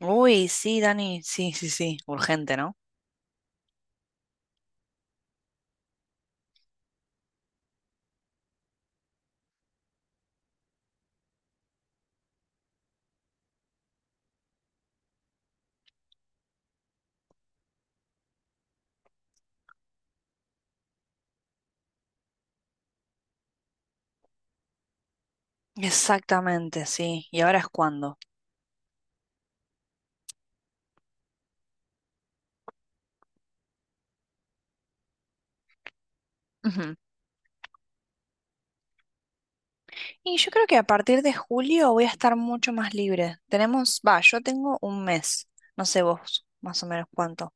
Uy, sí, Dani, sí, sí, sí, urgente, ¿no? Exactamente, sí. ¿Y ahora es cuándo? Ujú. Y yo creo que a partir de julio voy a estar mucho más libre. Tenemos, va, yo tengo un mes. No sé vos, más o menos cuánto.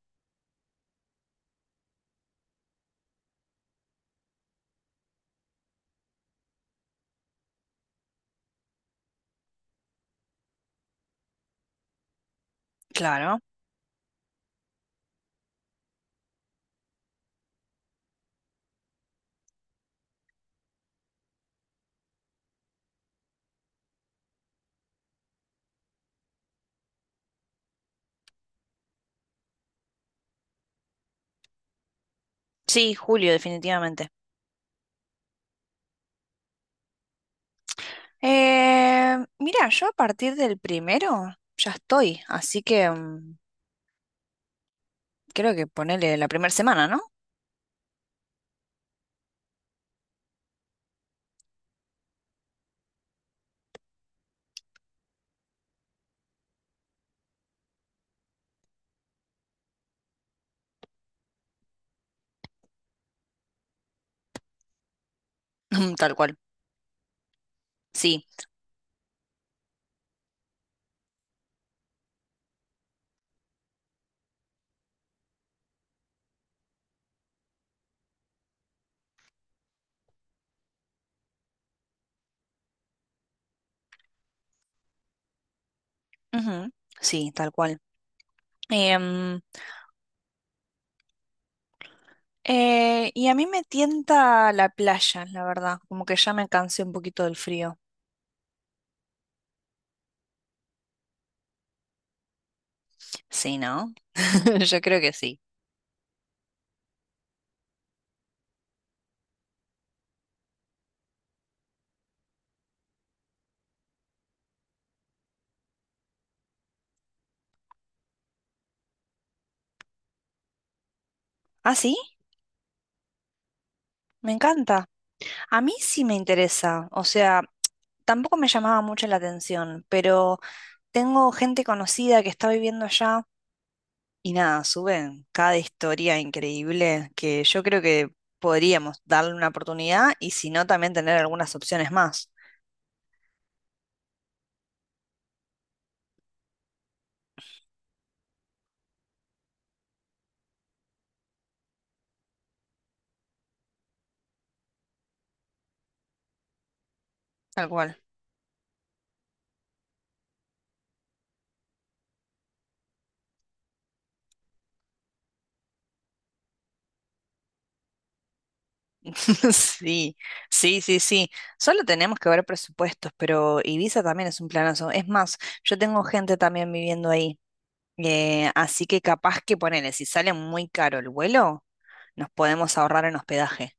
Claro. Sí, julio, definitivamente. Mira, yo a partir del primero ya estoy, así que creo que ponele la primera semana, ¿no? Tal cual. Sí. Ujú. Sí, tal cual. Y a mí me tienta la playa, la verdad. Como que ya me cansé un poquito del frío. Sí, ¿no? Yo creo que sí. Ah, sí, me encanta. A mí sí me interesa. O sea, tampoco me llamaba mucho la atención, pero tengo gente conocida que está viviendo allá y nada, suben cada historia increíble que yo creo que podríamos darle una oportunidad y si no, también tener algunas opciones más. Tal cual. Sí, sí, sí, sí. Solo tenemos que ver presupuestos, pero Ibiza también es un planazo. Es más, yo tengo gente también viviendo ahí. Así que capaz que ponele, si sale muy caro el vuelo, nos podemos ahorrar en hospedaje.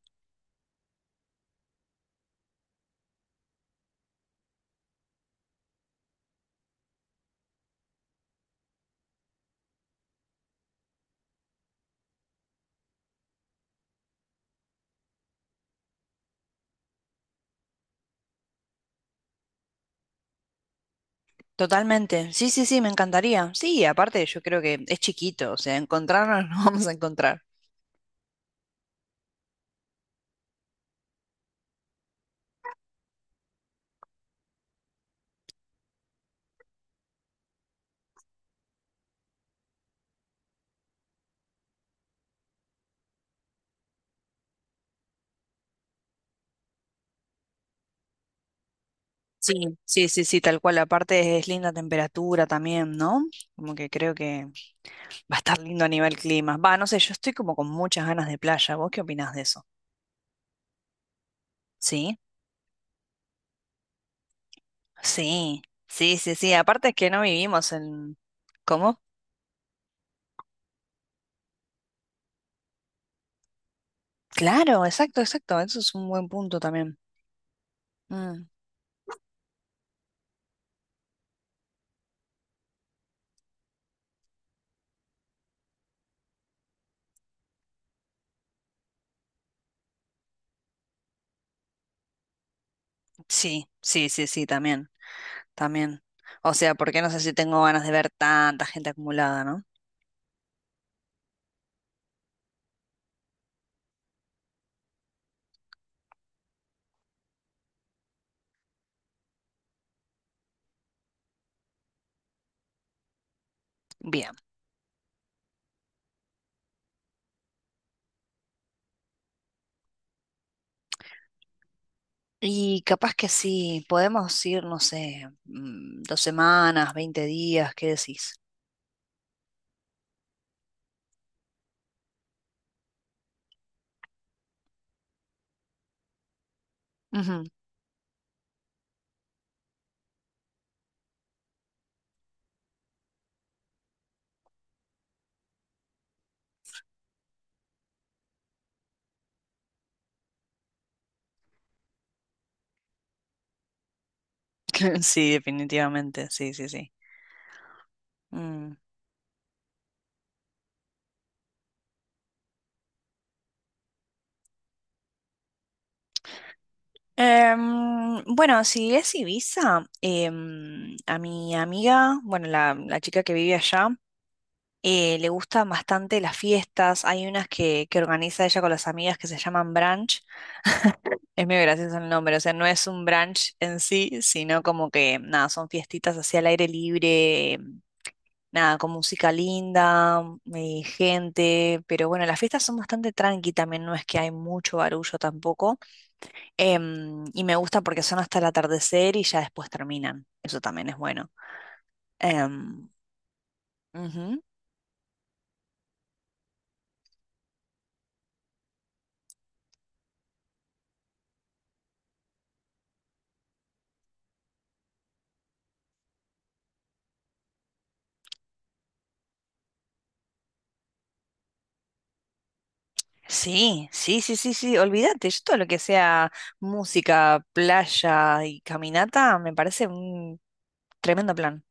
Totalmente. Sí, sí, sí, me encantaría. Sí, aparte yo creo que es chiquito, o sea, encontrarnos nos vamos a encontrar. Sí, sí, sí, sí, tal cual. Aparte es linda temperatura también, ¿no? Como que creo que va a estar lindo a nivel clima. Va, no sé, yo estoy como con muchas ganas de playa. ¿Vos qué opinás de eso? Sí, sí, sí, sí, sí. Aparte es que no vivimos en... ¿Cómo? Claro, exacto, exacto. Eso es un buen punto también. Mm, sí, sí, sí, sí, también, también. O sea, porque no sé si tengo ganas de ver tanta gente acumulada, ¿no? Bien. Y capaz que sí, podemos ir, no sé, 2 semanas, 20 días, ¿qué decís? Ujú. Sí, definitivamente, sí, sí, sí. Bueno, si es Ibiza, a mi amiga, bueno, la chica que vive allá, le gustan bastante las fiestas. Hay unas que organiza ella con las amigas que se llaman brunch. Es muy gracioso el nombre, o sea, no es un brunch en sí, sino como que, nada, son fiestitas así al aire libre, nada, con música linda, gente. Pero bueno, las fiestas son bastante tranqui también, no es que hay mucho barullo tampoco. Y me gusta porque son hasta el atardecer y ya después terminan. Eso también es bueno. Em, Ujú. Sí, sí, sí, sí, sí, olvídate. Yo todo lo que sea música, playa y caminata me parece un tremendo plan.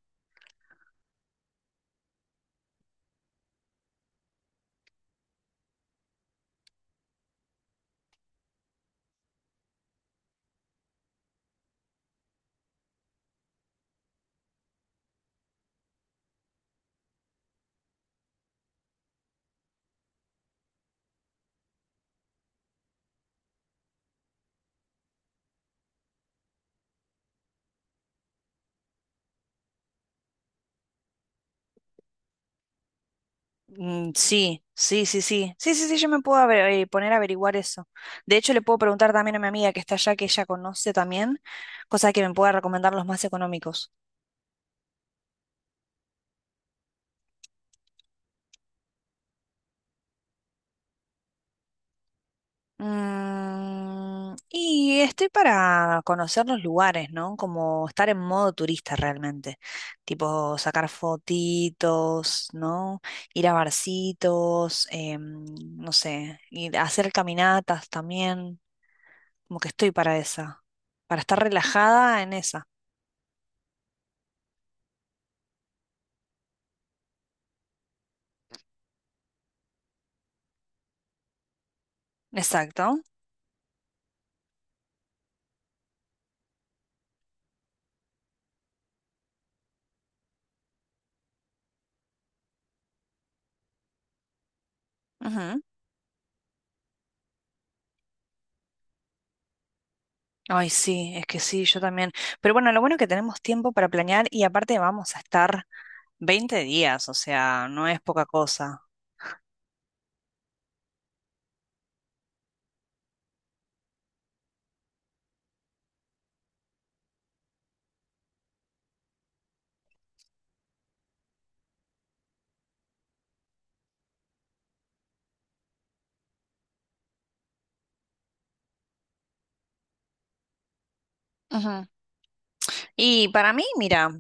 Mm, sí, sí, sí, sí. Sí, sí, sí, yo me puedo poner a averiguar eso. De hecho, le puedo preguntar también a mi amiga que está allá, que ella conoce también, cosa que me pueda recomendar los más económicos. Y estoy para conocer los lugares, ¿no? Como estar en modo turista realmente. Tipo sacar fotitos, ¿no? Ir a barcitos, no sé, ir a hacer caminatas también. Como que estoy para esa. Para estar relajada en esa. Exacto. Ujú. Ay, sí, es que sí, yo también. Pero bueno, lo bueno es que tenemos tiempo para planear y aparte vamos a estar 20 días, o sea, no es poca cosa. Y para mí, mira,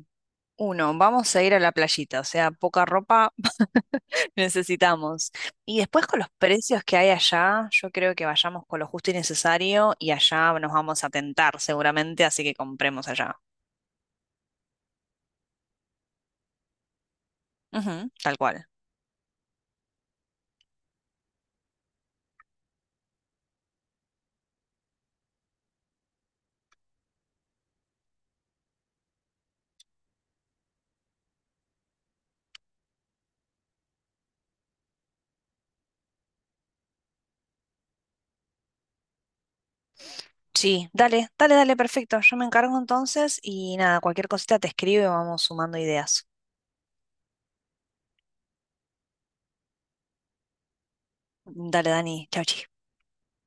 uno, vamos a ir a la playita, o sea, poca ropa necesitamos. Y después con los precios que hay allá, yo creo que vayamos con lo justo y necesario y allá nos vamos a tentar seguramente, así que compremos allá. Ujú, tal cual. Sí, dale, dale, dale, perfecto. Yo me encargo entonces y nada, cualquier cosita te escribo y vamos sumando ideas. Dale, Dani, chau, chis.